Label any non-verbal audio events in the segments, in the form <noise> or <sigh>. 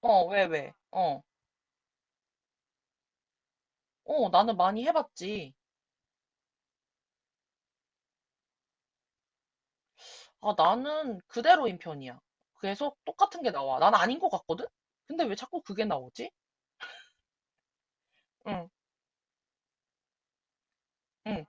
어, 왜, 왜? 어. 어, 나는 많이 해봤지. 아, 나는 그대로인 편이야. 계속 똑같은 게 나와. 난 아닌 것 같거든? 근데 왜 자꾸 그게 나오지? 응, 응.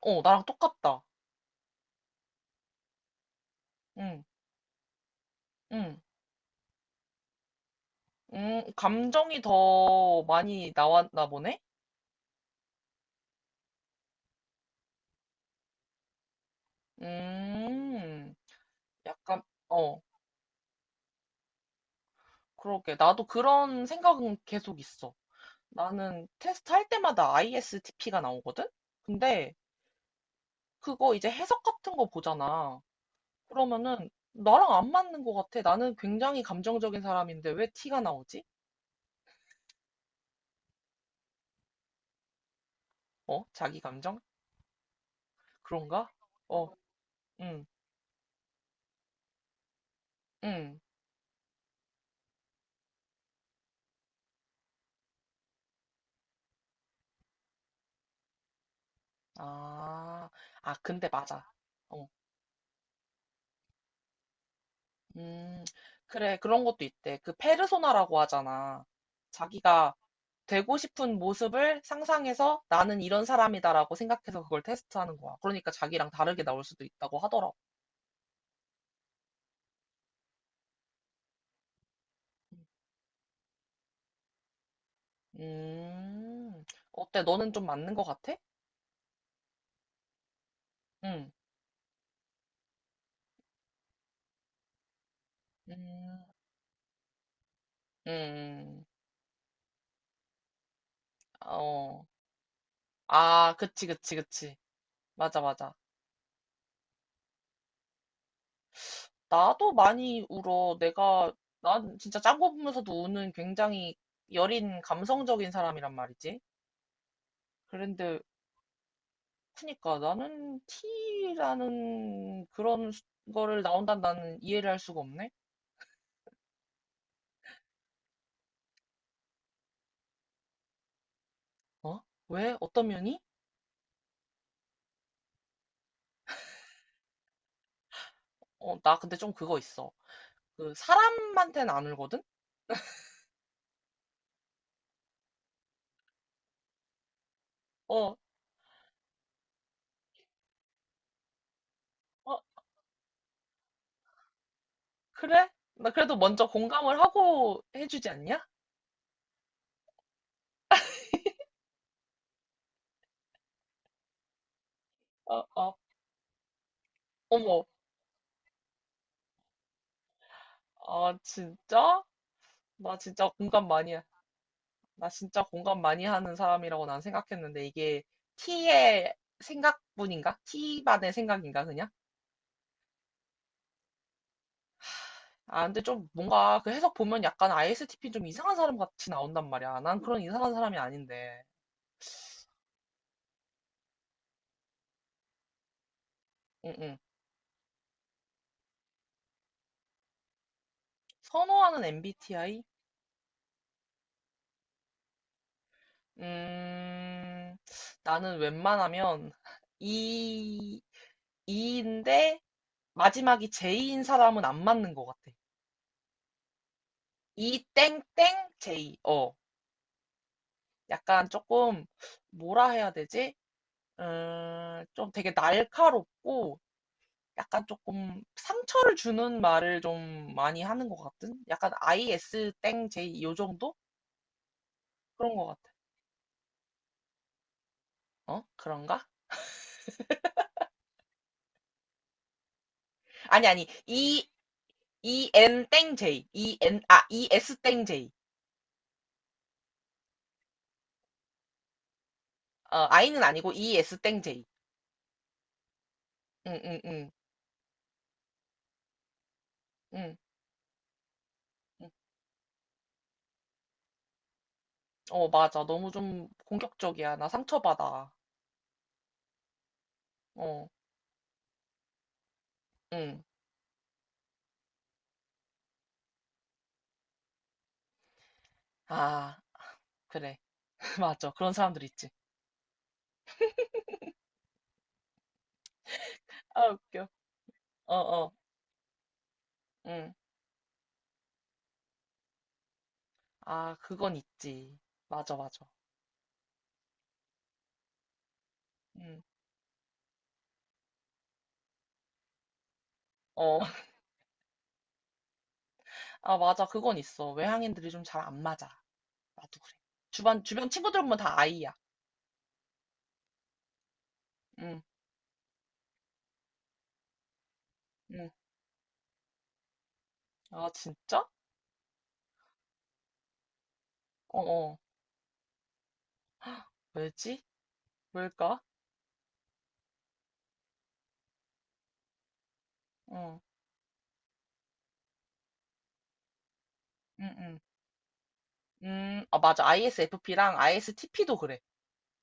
어, 나랑 똑같다. 응, 응. 감정이 더 많이 나왔나 보네? 음, 약간, 어, 그러게. 나도 그런 생각은 계속 있어. 나는 테스트 할 때마다 ISTP가 나오거든? 근데 그거 이제 해석 같은 거 보잖아. 그러면은 나랑 안 맞는 것 같아. 나는 굉장히 감정적인 사람인데 왜 티가 나오지? 어? 자기 감정? 그런가? 어, 응, 응. 아, 아, 근데 맞아. 어, 음, 그래. 그런 것도 있대. 그 페르소나라고 하잖아. 자기가 되고 싶은 모습을 상상해서 나는 이런 사람이다라고 생각해서 그걸 테스트하는 거야. 그러니까 자기랑 다르게 나올 수도 있다고 하더라고. 음, 어때? 너는 좀 맞는 것 같아? 응. 음. 음, 어. 아, 그치, 그치, 그치. 맞아, 맞아. 나도 많이 울어. 난 진짜 짠 거 보면서도 우는 굉장히 여린 감성적인 사람이란 말이지. 그런데, 그니까 나는 T라는 그런 거를 나온다는 나는 이해를 할 수가 없네. 어? 왜? 어떤 면이? 어, 나 근데 좀 그거 있어. 그, 사람한테는 안 울거든? 어, 어, 그래? 나 그래도 먼저 공감을 하고 해주지 않냐? 어, 어. 어머, 아, 진짜? 나 진짜 공감 많이, 해. 나 진짜 공감 많이 하는 사람이라고 난 생각했는데, 이게 T의 생각뿐인가? T만의 생각인가, 그냥? 아, 근데 좀 뭔가 그 해석 보면 약간 ISTP 좀 이상한 사람 같이 나온단 말이야. 난 그런 이상한 사람이 아닌데. 응, 응. 선호하는 MBTI? 음, 나는 웬만하면 E, E인데 마지막이 J인 사람은 안 맞는 것 같아. E 땡땡 J. 어. 약간 조금 뭐라 해야 되지? 좀 되게 날카롭고 약간 조금 상처를 주는 말을 좀 많이 하는 것 같은? 약간 IS 땡 J 요 정도? 그런 것 같아. 어? 그런가? 아니, 아니, E, E N 땡 J, E N, 아, E S 땡 J. 어, I는 아니고 E S 땡 J. 응응응 응. 응. 응, 응. 어, 맞아. 너무 좀 공격적이야. 나 상처받아. 어, 응. 아, 그래. <laughs> 맞아, 그런 사람들 있지. 아, 웃겨. 어, 어, 응. 아, 그건 있지. 맞아, 맞아. 응, 어. <laughs> 아, 맞아. 그건 있어. 외향인들이 좀 잘 안 맞아. 나도 그래. 주변 친구들 보면 다 아이야. 응, 응. 아, 진짜? 어, 어. 왜지? 왜일까? 어, 응, 응. 아, 맞아. ISFP랑 ISTP도 그래.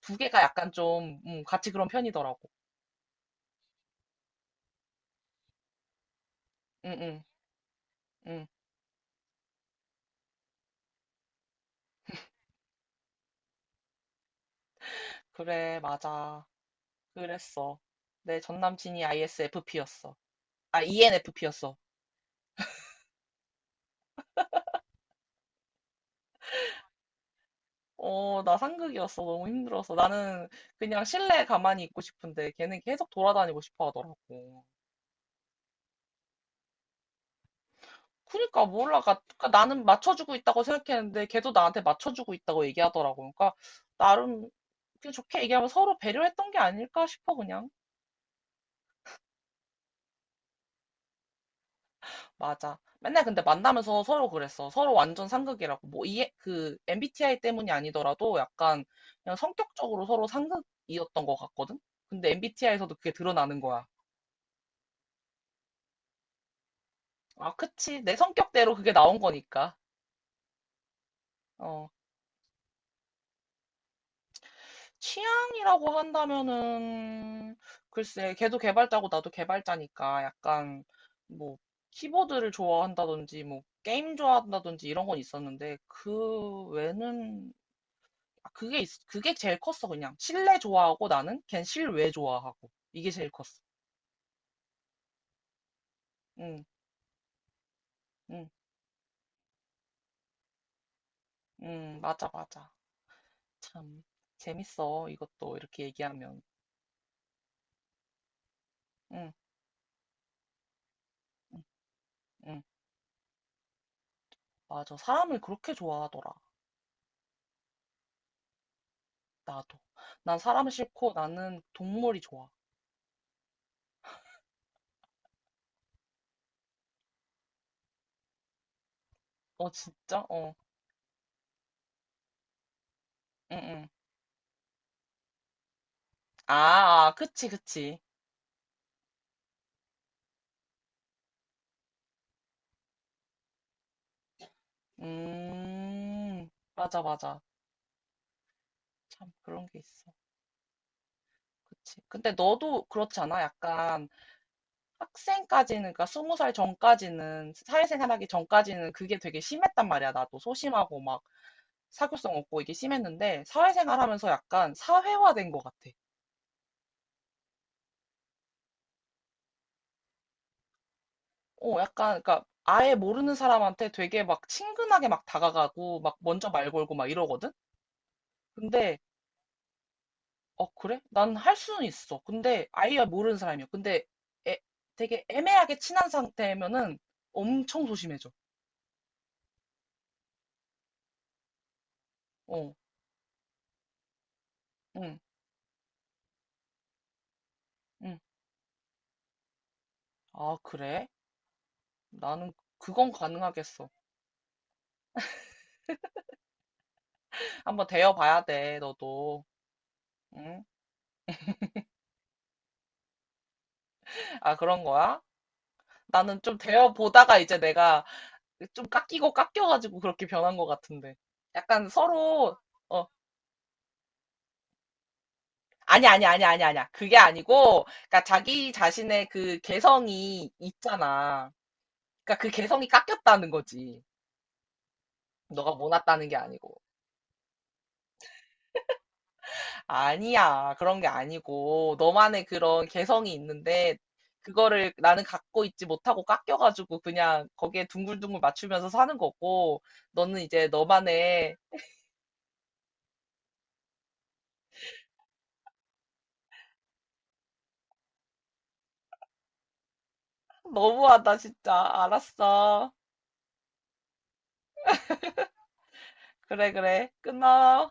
두 개가 약간 좀, 같이 그런 편이더라고. 응, 응, 응. 그래, 맞아. 그랬어. 내 전 남친이 ISFP였어. 아, ENFP였어. 어, 나 상극이었어. 너무 힘들어서. 나는 그냥 실내에 가만히 있고 싶은데 걔는 계속 돌아다니고 싶어 하더라고. 그러니까 몰라. 그러니까 나는 맞춰주고 있다고 생각했는데 걔도 나한테 맞춰주고 있다고 얘기하더라고. 그러니까 나름 그냥 좋게 얘기하면 서로 배려했던 게 아닐까 싶어 그냥. 맞아. 맨날 근데 만나면서 서로 그랬어. 서로 완전 상극이라고. 뭐 이해 그 MBTI 때문이 아니더라도 약간 그냥 성격적으로 서로 상극이었던 것 같거든. 근데 MBTI에서도 그게 드러나는 거야. 아, 그치. 내 성격대로 그게 나온 거니까. 어, 취향이라고 한다면은, 글쎄, 걔도 개발자고 나도 개발자니까 약간, 뭐, 키보드를 좋아한다든지, 뭐, 게임 좋아한다든지 이런 건 있었는데, 그 외는 아, 그게 제일 컸어, 그냥. 실내 좋아하고 나는 걘 실외 좋아하고. 이게 제일 컸어. 응, 응, 응, 맞아, 맞아. 참, 재밌어. 이것도 이렇게 얘기하면. 응, 응, 응. 맞아. 사람을 그렇게 좋아하더라. 나도. 난 사람 싫고 나는 동물이 좋아. 어, 진짜? 어, 응, 응. 아, 아, 그치, 그치. 음, 맞아, 맞아. 참, 그런 게 있어. 그치. 근데 너도 그렇지 않아? 약간 학생까지는, 그러니까 20살 전까지는, 사회생활 하기 전까지는 그게 되게 심했단 말이야. 나도 소심하고 막 사교성 없고 이게 심했는데, 사회생활 하면서 약간 사회화된 것 같아. 어, 약간, 그니까, 아예 모르는 사람한테 되게 막 친근하게 막 다가가고, 막 먼저 말 걸고 막 이러거든? 근데, 어, 그래? 난 할 수는 있어. 근데, 아예 모르는 사람이야. 근데, 애- 되게 애매하게 친한 상태면은 엄청 소심해져. 어, 응, 응. 아, 그래? 나는 그건 가능하겠어. 한번 대여봐야 돼, 너도. 응? 아, 그런 거야? 나는 좀 대여보다가 이제 내가 좀 깎이고 깎여가지고 그렇게 변한 것 같은데. 약간 서로, 어, 아니, 아니, 아니, 아니, 아니야. 그게 아니고, 그러니까 자기 자신의 그 개성이 있잖아. 그러니까 그 개성이 깎였다는 거지. 너가 못났다는 게 아니고. 아니야. 그런 게 아니고, 너만의 그런 개성이 있는데, 그거를 나는 갖고 있지 못하고 깎여가지고 그냥 거기에 둥글둥글 맞추면서 사는 거고, 너는 이제 너만의, 너무하다, 진짜. 알았어. 그래, 그래. 끊어.